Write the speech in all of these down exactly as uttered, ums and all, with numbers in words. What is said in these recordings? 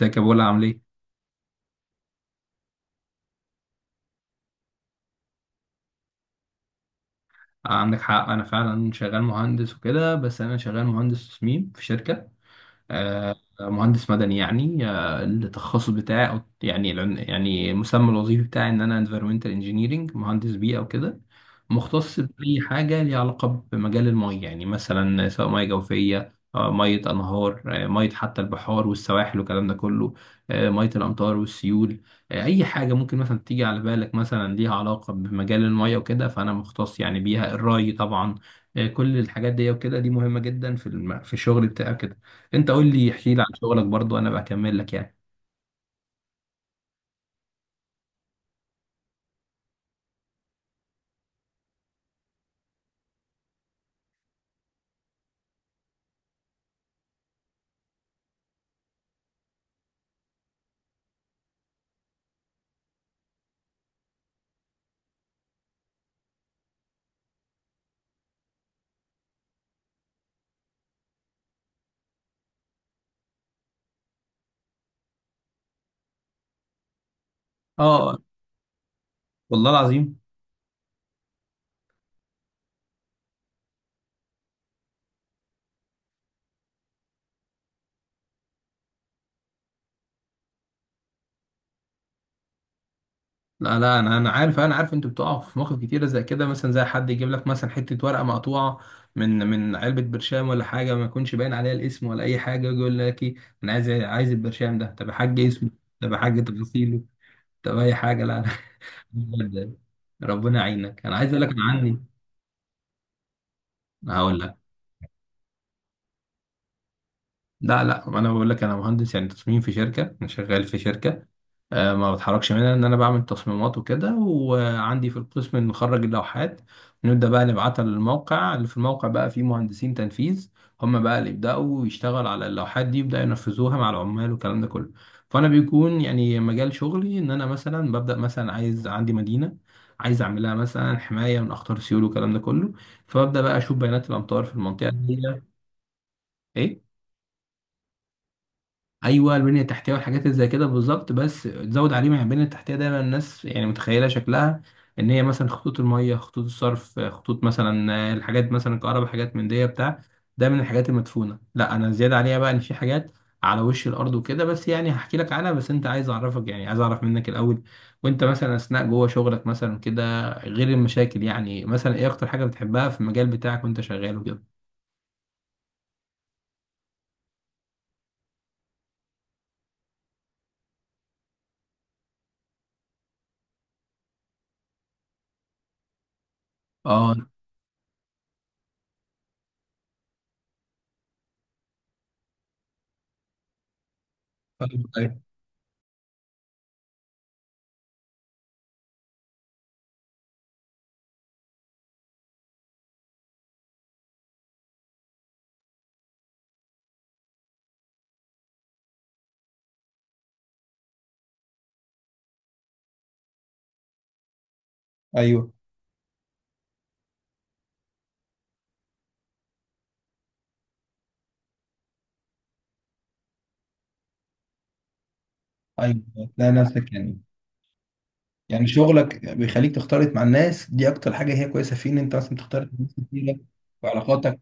ازيك يا بولا عامل ايه؟ آه، عندك حق انا فعلا شغال مهندس وكده، بس انا شغال مهندس تصميم في شركة. آه، مهندس مدني يعني. آه، التخصص بتاعي، أو يعني العن- يعني المسمى الوظيفي بتاعي إن أنا environmental engineering، مهندس بيئة وكده. مختص بأي حاجة ليها علاقة بمجال المية، يعني مثلا سواء مية جوفية، آه، مية أنهار، آه، مية حتى البحار والسواحل والكلام ده كله، آه، مية الأمطار والسيول. آه، أي حاجة ممكن مثلا تيجي على بالك مثلا ليها علاقة بمجال المية وكده، فأنا مختص يعني بيها، الري طبعا. آه، كل الحاجات دي وكده، دي مهمة جدا في الم... في الشغل بتاعك. انت قول لي، احكي لي عن شغلك برضو، انا بكمل لك يعني. اه. والله العظيم. لا لا، انا انا عارف انا عارف انتوا بتقعوا في مواقف كتيره زي كده، مثلا زي حد يجيب لك مثلا حته ورقه مقطوعه من من علبه برشام ولا حاجه، ما يكونش باين عليها الاسم ولا اي حاجه، يجي يقول لك ايه، انا عايز عايز البرشام ده. طب يا حاج اسمه؟ طب يا حاج تفاصيله؟ طب اي حاجه؟ لا لا. ربنا يعينك. انا عايز اقول لك أنا عني. هقول لك. لا لا، انا بقول لك انا مهندس يعني تصميم في شركه، انا شغال في شركه. آه، ما بتحركش منها، ان انا بعمل تصميمات وكده، وعندي في القسم نخرج اللوحات ونبدا بقى نبعتها للموقع، اللي في الموقع بقى فيه مهندسين تنفيذ، هم بقى اللي يبداوا يشتغلوا على اللوحات دي، يبداوا ينفذوها مع العمال والكلام ده كله. فانا بيكون يعني مجال شغلي ان انا مثلا ببدا، مثلا عايز عندي مدينه عايز اعملها مثلا حمايه من اخطار سيول والكلام ده كله، فببدا بقى اشوف بيانات الامطار في المنطقه دي. ايه. ايوه، البنيه التحتيه والحاجات اللي زي كده بالظبط، بس تزود عليه، مع البنيه التحتيه دايما الناس يعني متخيله شكلها ان هي مثلا خطوط الميه، خطوط الصرف، خطوط مثلا آه، الحاجات مثلا الكهرباء، حاجات من دي بتاع، ده من الحاجات المدفونه. لا، انا زياده عليها بقى ان في حاجات على وش الارض وكده، بس يعني هحكي لك عنها. بس انت عايز اعرفك، يعني عايز اعرف منك الاول. وانت مثلا اثناء جوه شغلك مثلا كده، غير المشاكل، يعني مثلا ايه اكتر حاجه بتحبها في المجال بتاعك وانت شغال وكده؟ اه. فاهمك. ايوه ايوه. ايوه، تلاقي نفسك يعني، يعني شغلك بيخليك تختلط مع الناس دي، اكتر حاجه هي كويسه فيه ان انت مثلا بتختلط مع ناس كتيره. في علاقاتك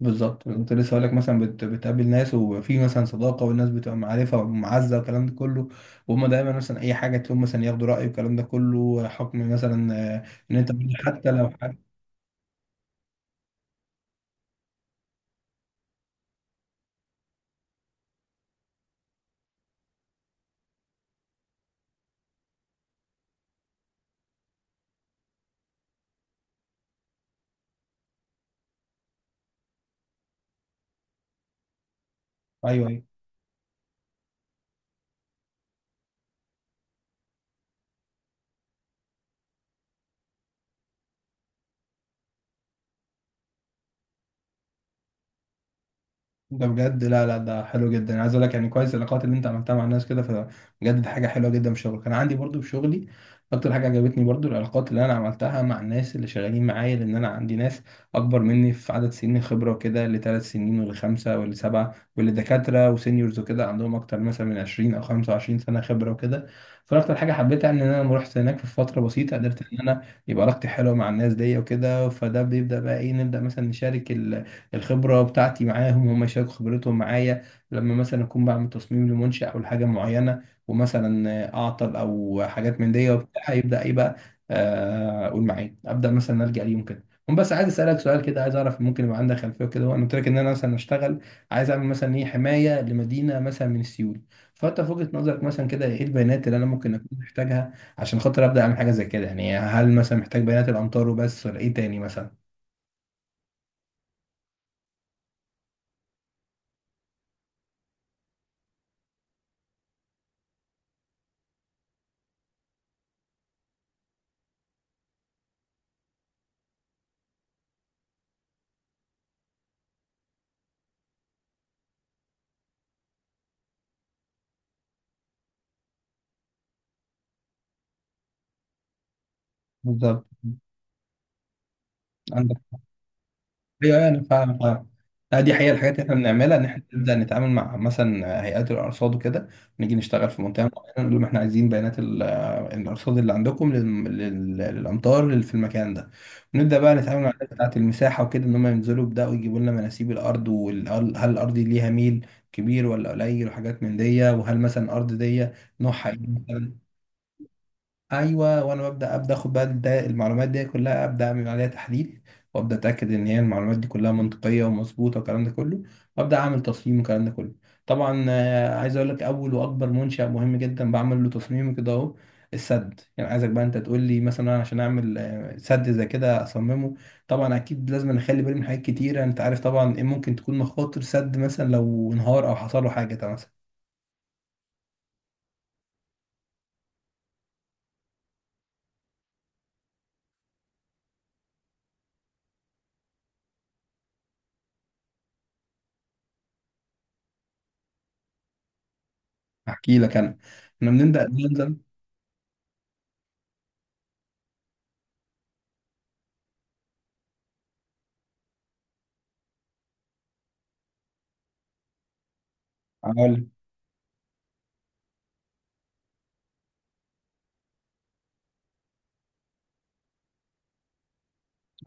بالظبط. كنت لسه هقول لك مثلا بت... بتقابل ناس وفي مثلا صداقه، والناس بتبقى معرفه ومعزه والكلام ده كله، وهم دايما مثلا اي حاجه تقوم مثلا ياخدوا راي، والكلام ده كله حكم مثلا، آه، ان انت حتى لو حاجه. ايوه. أيوه. ده بجد. لا لا، ده حلو جدا. انا عايز اقول لك يعني كويس العلاقات اللي انت عملتها مع الناس كده، فبجد دي حاجه حلوه جدا في شغلك. انا عندي برضو في شغلي اكتر حاجه عجبتني برضو، العلاقات اللي انا عملتها مع الناس اللي شغالين معايا. لان انا عندي ناس اكبر مني في عدد سنين خبره وكده، اللي ثلاث سنين، واللي خمسه، واللي سبعه، واللي دكاتره وسينيورز وكده عندهم اكتر مثلا من عشرين او خمسة وعشرين سنه خبره وكده. فانا اكتر حاجه حبيتها ان انا لما رحت هناك في فتره بسيطه قدرت ان انا يبقى علاقتي حلوه مع الناس دي وكده، فده بيبدا بقى ايه، نبدا مثلا نشارك الخبرة بتاعتي معاهم، هم يشاركوا خبرتهم معايا. لما مثلا أكون بعمل تصميم لمنشأ أو لحاجة معينة، ومثلا أعطل أو حاجات من دي وبتاع، يبدأ إيه بقى، آه، أقول معايا، أبدأ مثلا ألجأ ليهم كده هم. بس عايز أسألك سؤال كده، عايز أعرف ممكن يبقى عندك خلفية كده. هو أنا قلت لك إن أنا مثلا أشتغل، عايز أعمل مثلا إيه حماية لمدينة مثلا من السيول. فأنت في وجهة نظرك مثلا كده، إيه البيانات اللي أنا ممكن أكون محتاجها عشان خاطر أبدأ أعمل حاجة زي كده؟ يعني هل مثلا محتاج بيانات الأمطار وبس ولا إيه تاني مثلا؟ بالظبط. ايوه. أيوة، انا فاهم فاهم. لا، دي حقيقة الحاجات اللي احنا بنعملها، ان احنا نبدا نتعامل مع مثلا هيئات الارصاد وكده، نيجي نشتغل في منطقه معينه نقول لهم احنا عايزين بيانات ال- آه، الارصاد اللي عندكم لل- لل- للامطار اللي في المكان ده. ونبدا بقى نتعامل مع الناس بتاعه المساحه وكده، ان هم ينزلوا يبداوا يجيبوا لنا مناسيب الارض، وهل هل الارض دي ليها ميل كبير ولا قليل، وحاجات من دي، وهل مثلا الارض دي نوعها ايه مثلا. ايوه، وانا ببدا ابدا اخد بقى ده المعلومات دي كلها، ابدا اعمل عليها تحليل، وابدا اتاكد ان هي المعلومات دي كلها منطقيه ومظبوطه والكلام ده كله، وابدا اعمل تصميم والكلام ده كله. طبعا، آه، عايز اقول لك اول واكبر منشا مهم جدا بعمل له تصميم كده اهو، السد. يعني عايزك بقى انت تقول لي مثلا، أنا عشان اعمل آه، سد زي كده اصممه، طبعا اكيد لازم اخلي بالي من حاجات كتيره. انت عارف طبعا ايه ممكن تكون مخاطر سد مثلا لو انهار او حصل له حاجه طبعا مثلا. احكي لك انا، احنا بنبدا ننزل. اقول.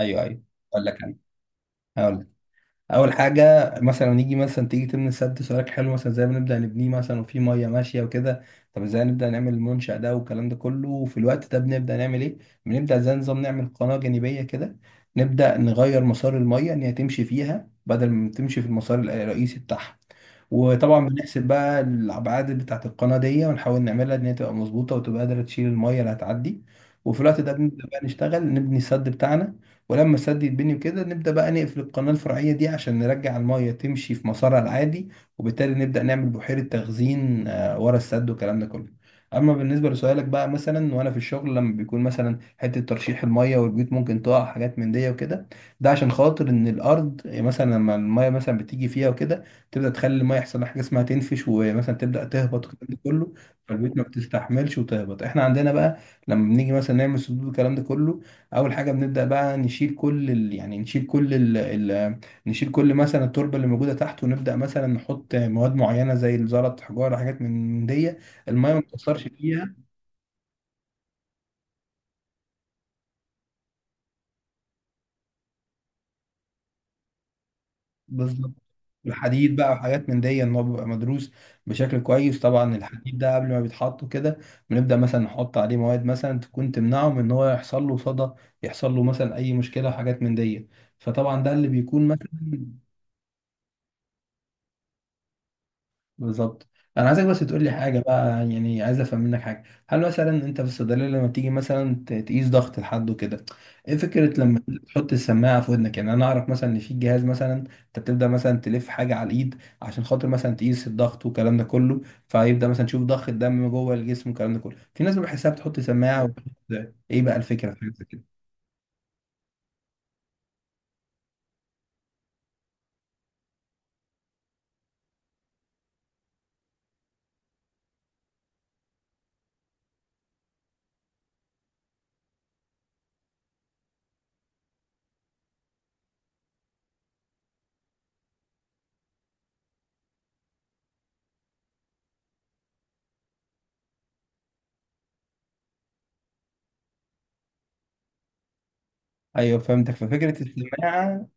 ايوه ايوه. اقول لك. هقول لك. اول حاجه مثلا نيجي مثلا تيجي تبني سد، سؤالك حلو، مثلا ازاي بنبدا نبنيه مثلا وفي ميه ماشيه وكده؟ طب ازاي نبدا نعمل المنشا ده والكلام ده كله وفي الوقت ده بنبدا نعمل ايه؟ بنبدا زي نظام نعمل قناه جانبيه كده، نبدا نغير مسار الميه ان هي تمشي فيها بدل ما تمشي في المسار الرئيسي بتاعها. وطبعا بنحسب بقى الابعاد بتاعه القناه دي، ونحاول نعملها ان هي تبقى مظبوطه وتبقى قادره تشيل الميه اللي هتعدي. وفي الوقت ده بنبدا بقى نشتغل نبني السد بتاعنا. ولما السد يتبني وكده، نبدا بقى نقفل القناه الفرعيه دي عشان نرجع الميه تمشي في مسارها العادي، وبالتالي نبدا نعمل بحيره تخزين آه، ورا السد والكلام ده كله. اما بالنسبه لسؤالك بقى، مثلا وانا في الشغل لما بيكون مثلا حته ترشيح الميه والبيوت ممكن تقع حاجات من دي وكده، ده عشان خاطر ان الارض يعني مثلا لما الميه مثلا بتيجي فيها وكده تبدا تخلي الميه يحصل لها حاجه اسمها تنفش، ومثلا تبدا تهبط والكلام ده كله، فالبيوت ما بتستحملش وتهبط. احنا عندنا بقى لما بنيجي مثلا نعمل سدود والكلام ده كله، اول حاجه بنبدا بقى نشيل كل ال... يعني نشيل كل ال... ال... نشيل كل مثلا التربه اللي موجوده تحت، ونبدا مثلا نحط مواد معينه زي الزلط، حجاره، حاجات من دي، الميه ما بتاثرش فيها. بالظبط. الحديد بقى وحاجات من دي ان هو بيبقى مدروس بشكل كويس. طبعا الحديد ده قبل ما بيتحط كده، بنبدا مثلا نحط عليه مواد مثلا تكون تمنعه من ان هو يحصل له صدى، يحصل له مثلا اي مشكله وحاجات من دي، فطبعا ده اللي بيكون مثلا. بالظبط. انا عايزك بس تقول لي حاجه بقى، يعني عايز افهم منك حاجه. هل مثلا انت في الصيدليه لما بتيجي مثلا ت- تقيس ضغط لحد وكده، ايه فكره لما تحط السماعه في ودنك؟ يعني انا اعرف مثلا ان في جهاز مثلا انت بتبدا مثلا تلف حاجه على الايد عشان خاطر مثلا تقيس الضغط والكلام ده كله، فيبدا مثلا تشوف ضخ الدم جوه الجسم والكلام ده كله. في ناس بحسها بتحط سماعه وبتحط. ايه بقى الفكره في كده؟ ايوه فهمتك، ففكره السماعه،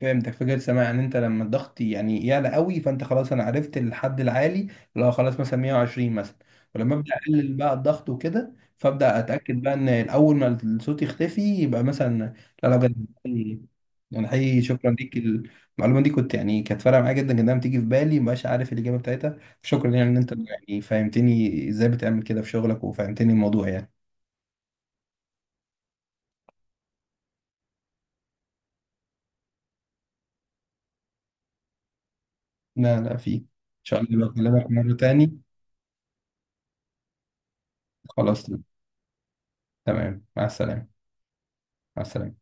فهمتك. فكرة سامع يعني انت لما الضغط يعني يعلى قوي، فانت خلاص انا عرفت الحد العالي، اللي هو خلاص مثلا ميه وعشرين مثلا. ولما ابدا اقلل بقى الضغط وكده فابدا اتاكد بقى ان الاول ما الصوت يختفي يبقى مثلا. لا لا، بجد، حقيقي- يعني حقيقي شكرا ليك المعلومه دي، كنت يعني كانت فارقه معايا جدا جدا، بتيجي في بالي مبقاش عارف الاجابه بتاعتها. شكرا يعني ان انت يعني فهمتني ازاي بتعمل كده في شغلك وفهمتني الموضوع يعني. لا لا، في ان شاء الله بكلمك مره تاني. خلاص. تمام. مع السلامه. مع السلامه.